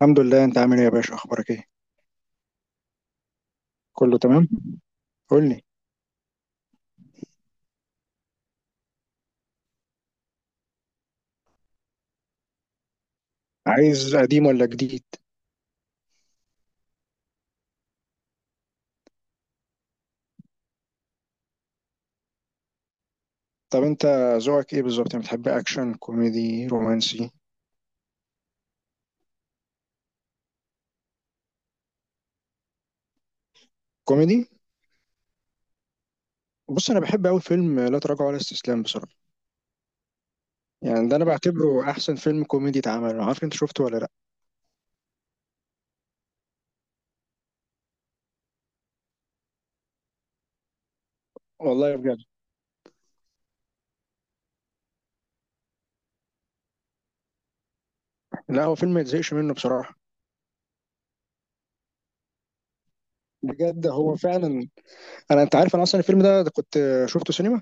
الحمد لله، انت عامل ايه يا باشا؟ اخبارك ايه؟ كله تمام. قول لي. عايز قديم ولا جديد؟ طب انت ذوقك ايه بالظبط؟ يعني بتحب اكشن، كوميدي، رومانسي؟ كوميدي. بص، انا بحب قوي فيلم لا تراجع ولا استسلام بصراحه. يعني ده انا بعتبره احسن فيلم كوميدي اتعمل. انا عارف انت شفته ولا لا؟ والله بجد. لا هو فيلم ما يتزهقش منه بصراحه. بجد هو فعلا. انا، انت عارف، انا اصلا الفيلم ده كنت شفته سينما.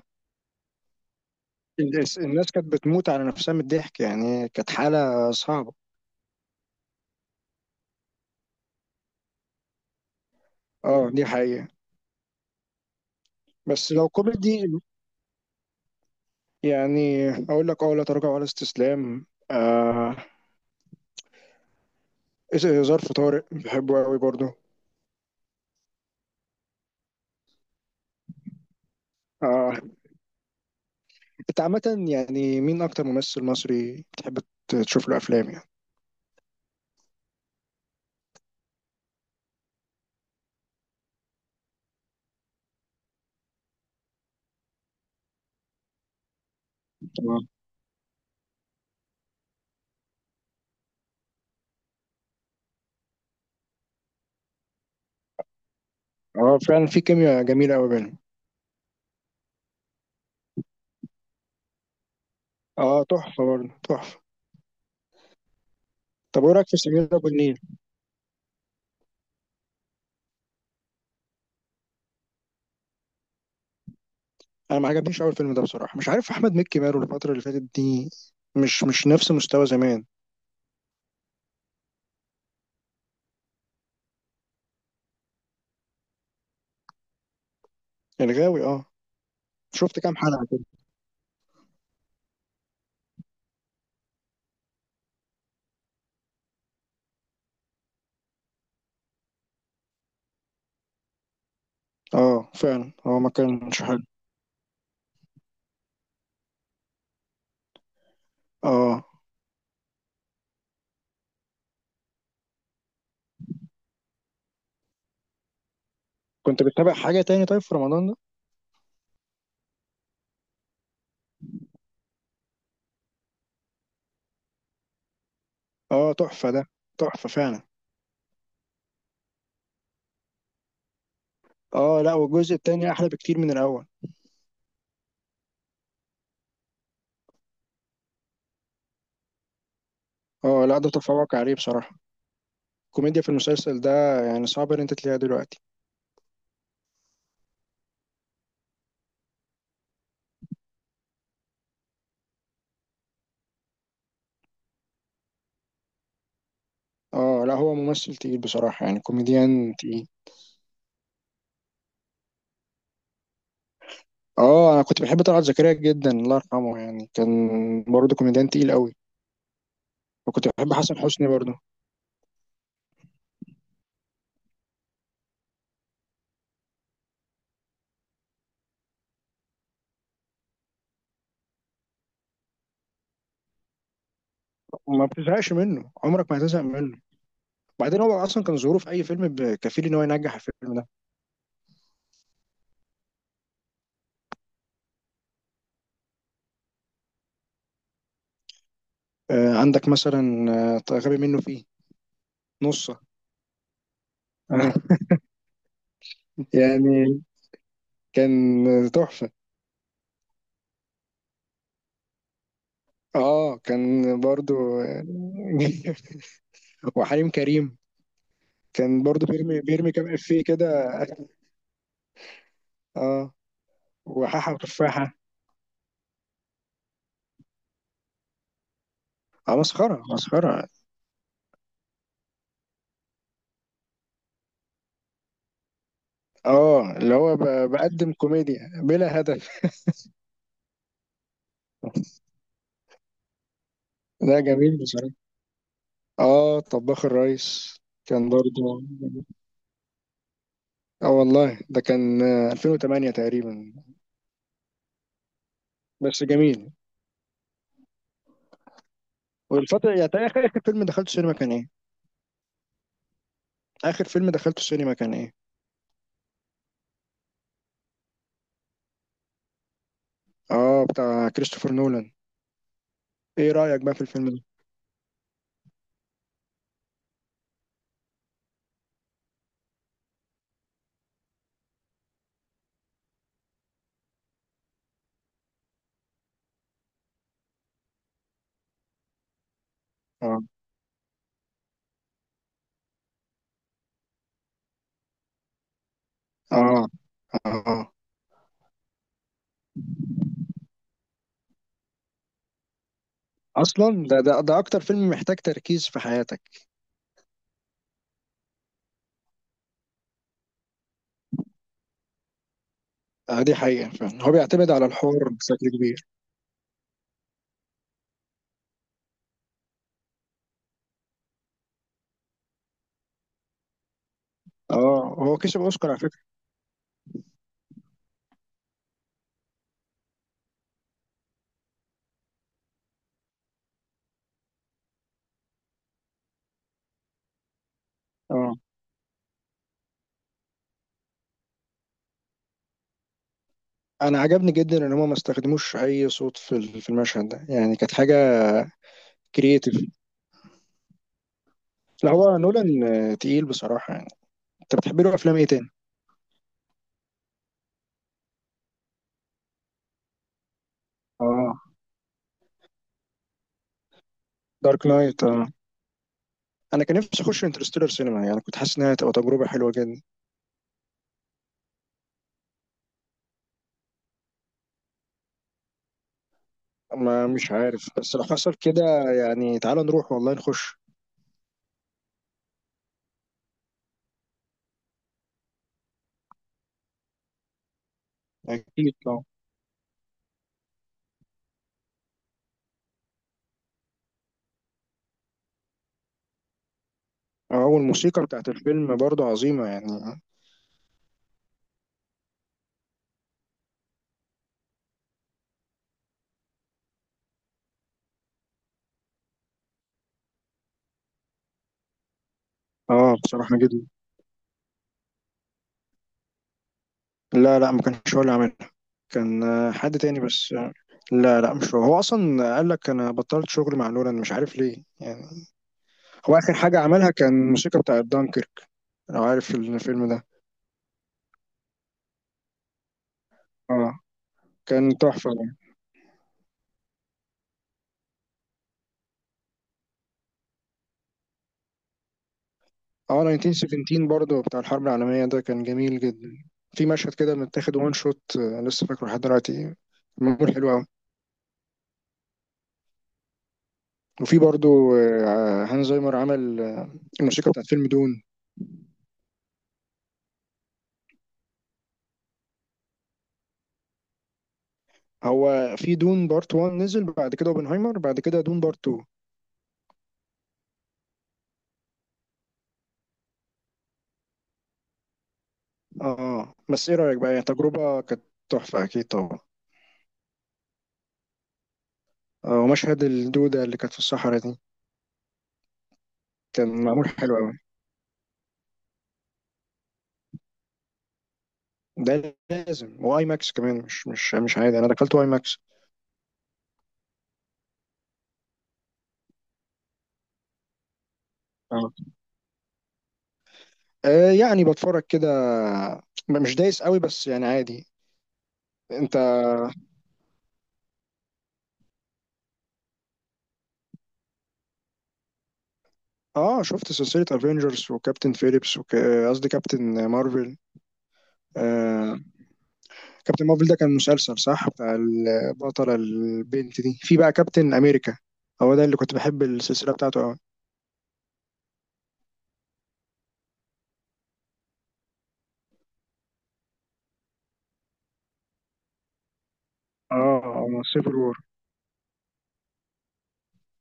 الناس كانت بتموت على نفسها من الضحك، يعني كانت حاله صعبه. اه، دي حقيقه. بس لو كوميدي، يعني اقول لك اه لا تراجع ولا استسلام. آه، ظرف طارق بحبه قوي برضه. آه، انت عامة يعني مين اكتر ممثل مصري بتحب تشوف له افلام يعني؟ اه. فعلا في كيمياء جميلة قوي بينهم. اه، تحفة برضه تحفة. طب ايه رايك في سمير ابو النيل؟ انا ما عجبنيش اول فيلم ده بصراحة. مش عارف احمد مكي ماله الفترة اللي فاتت دي. مش نفس مستوى زمان. الغاوي، اه. شفت كام حلقة كده؟ اه، فعلا هو ما كانش حلو. اه. كنت بتتابع حاجة تاني طيب في رمضان؟ اه، تحفة ده. تحفة فعلا. اه، لا، والجزء التاني احلى بكتير من الاول. اه لا، ده تفوق عليه بصراحة. الكوميديا في المسلسل ده يعني صعب ان انت تلاقيها دلوقتي. اه لا، هو ممثل تقيل بصراحة، يعني كوميديان تقيل. اه، انا كنت بحب طلعت زكريا جدا، الله يرحمه، يعني كان برضه كوميديان تقيل قوي. وكنت بحب حسن حسني برضه. ما بتزهقش منه، عمرك ما هتزهق منه. بعدين هو اصلا كان ظهوره في اي فيلم كفيل ان هو ينجح الفيلم ده. آه، عندك مثلا؟ غبي منه فيه. نصه. يعني كان تحفة. اه، كان برضو. وحليم كريم. كان برضو بيرمي بيرمي كام افيه كده. اه. وحاحة وتفاحة. اه، مسخرة مسخرة. اه، اللي هو بقدم كوميديا بلا هدف. ده جميل بصراحة. اه، طباخ الريس. كان برضو. اه والله ده كان 2008 تقريبا. بس جميل. والفترة، يعني آخر فيلم دخلته سينما كان ايه؟ آخر فيلم دخلته سينما كان ايه؟ اه، بتاع كريستوفر نولان. ايه رأيك بقى في الفيلم ده؟ اه، اه، اه. اصلا ده اكتر فيلم محتاج تركيز في حياتك. دي حقيقة، فعلا هو بيعتمد على الحوار بشكل كبير. اه، هو كسب اوسكار على فكرة. اه، انا عجبني جدا ان هما ما استخدموش اي صوت في المشهد ده، يعني كانت حاجة كرييتيف. لا، هو نولان. تقيل بصراحة يعني. انت بتحب له افلام ايه تاني؟ اه، دارك نايت اه. انا كان نفسي اخش انترستيلر سينما، يعني كنت حاسس انها هتبقى تجربة حلوة جدا. ما مش عارف، بس لو حصل كده يعني تعالى نروح والله نخش. أكيد طبعا. والموسيقى بتاعت الفيلم برضه عظيمة يعني. اه، بصراحة جدا. لا، لا، ما كانش هو اللي عاملها. كان حد تاني بس. لا، لا، مش هو. هو أصلا قال لك أنا بطلت شغل مع نولان، مش عارف ليه يعني. هو آخر حاجة عملها كان الموسيقى بتاعت دانكيرك. لو عارف الفيلم ده. اه، كان تحفة يعني. اه، 1917 برضه بتاع الحرب العالمية، ده كان جميل جدا. في مشهد كده متاخد وان شوت، لسه فاكره لحد دلوقتي. معمول حلو أوي. وفي برضه هانز زايمر عمل الموسيقى بتاعت فيلم دون. هو في دون بارت 1 نزل، بعد كده اوبنهايمر، بعد كده دون بارت 2. اه، بس ايه رأيك بقى؟ هي تجربة كانت تحفة اكيد طبعا. ومشهد الدودة اللي كانت في الصحراء دي كان معمول حلو قوي. ده لازم واي ماكس كمان، مش عادي، انا دخلت واي ماكس. آه. يعني بتفرج كده، مش دايس قوي، بس يعني عادي. انت. اه. شفت سلسلة افنجرز وكابتن فيليبس قصدي كابتن مارفل. كابتن مارفل ده كان مسلسل صح بتاع البطلة البنت دي، في بقى كابتن أمريكا. هو ده اللي كنت بحب السلسلة بتاعته أوي. اه، سيفل وور.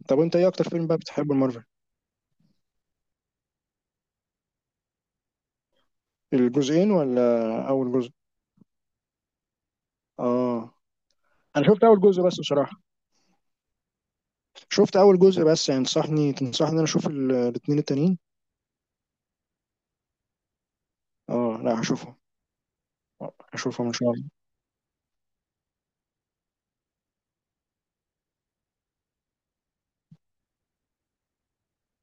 طب أنت إيه أكتر فيلم بقى بتحبه المارفل؟ الجزئين ولا أول جزء؟ اه. أنا شفت أول جزء بس بصراحة. شفت أول جزء بس. يعني تنصحني إن أنا أشوف الاتنين التانيين؟ اه، لا، هشوفهم. هشوفهم إن شاء الله.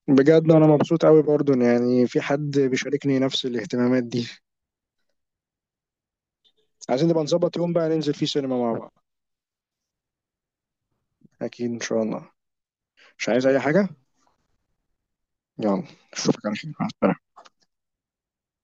بجد أنا مبسوط أوي برضه، إن يعني في حد بيشاركني نفس الاهتمامات دي. عايزين نبقى نظبط يوم بقى ننزل فيه سينما مع بعض. أكيد إن شاء الله. مش عايز أي حاجة. يلا. اشوفك على خير، مع السلامة.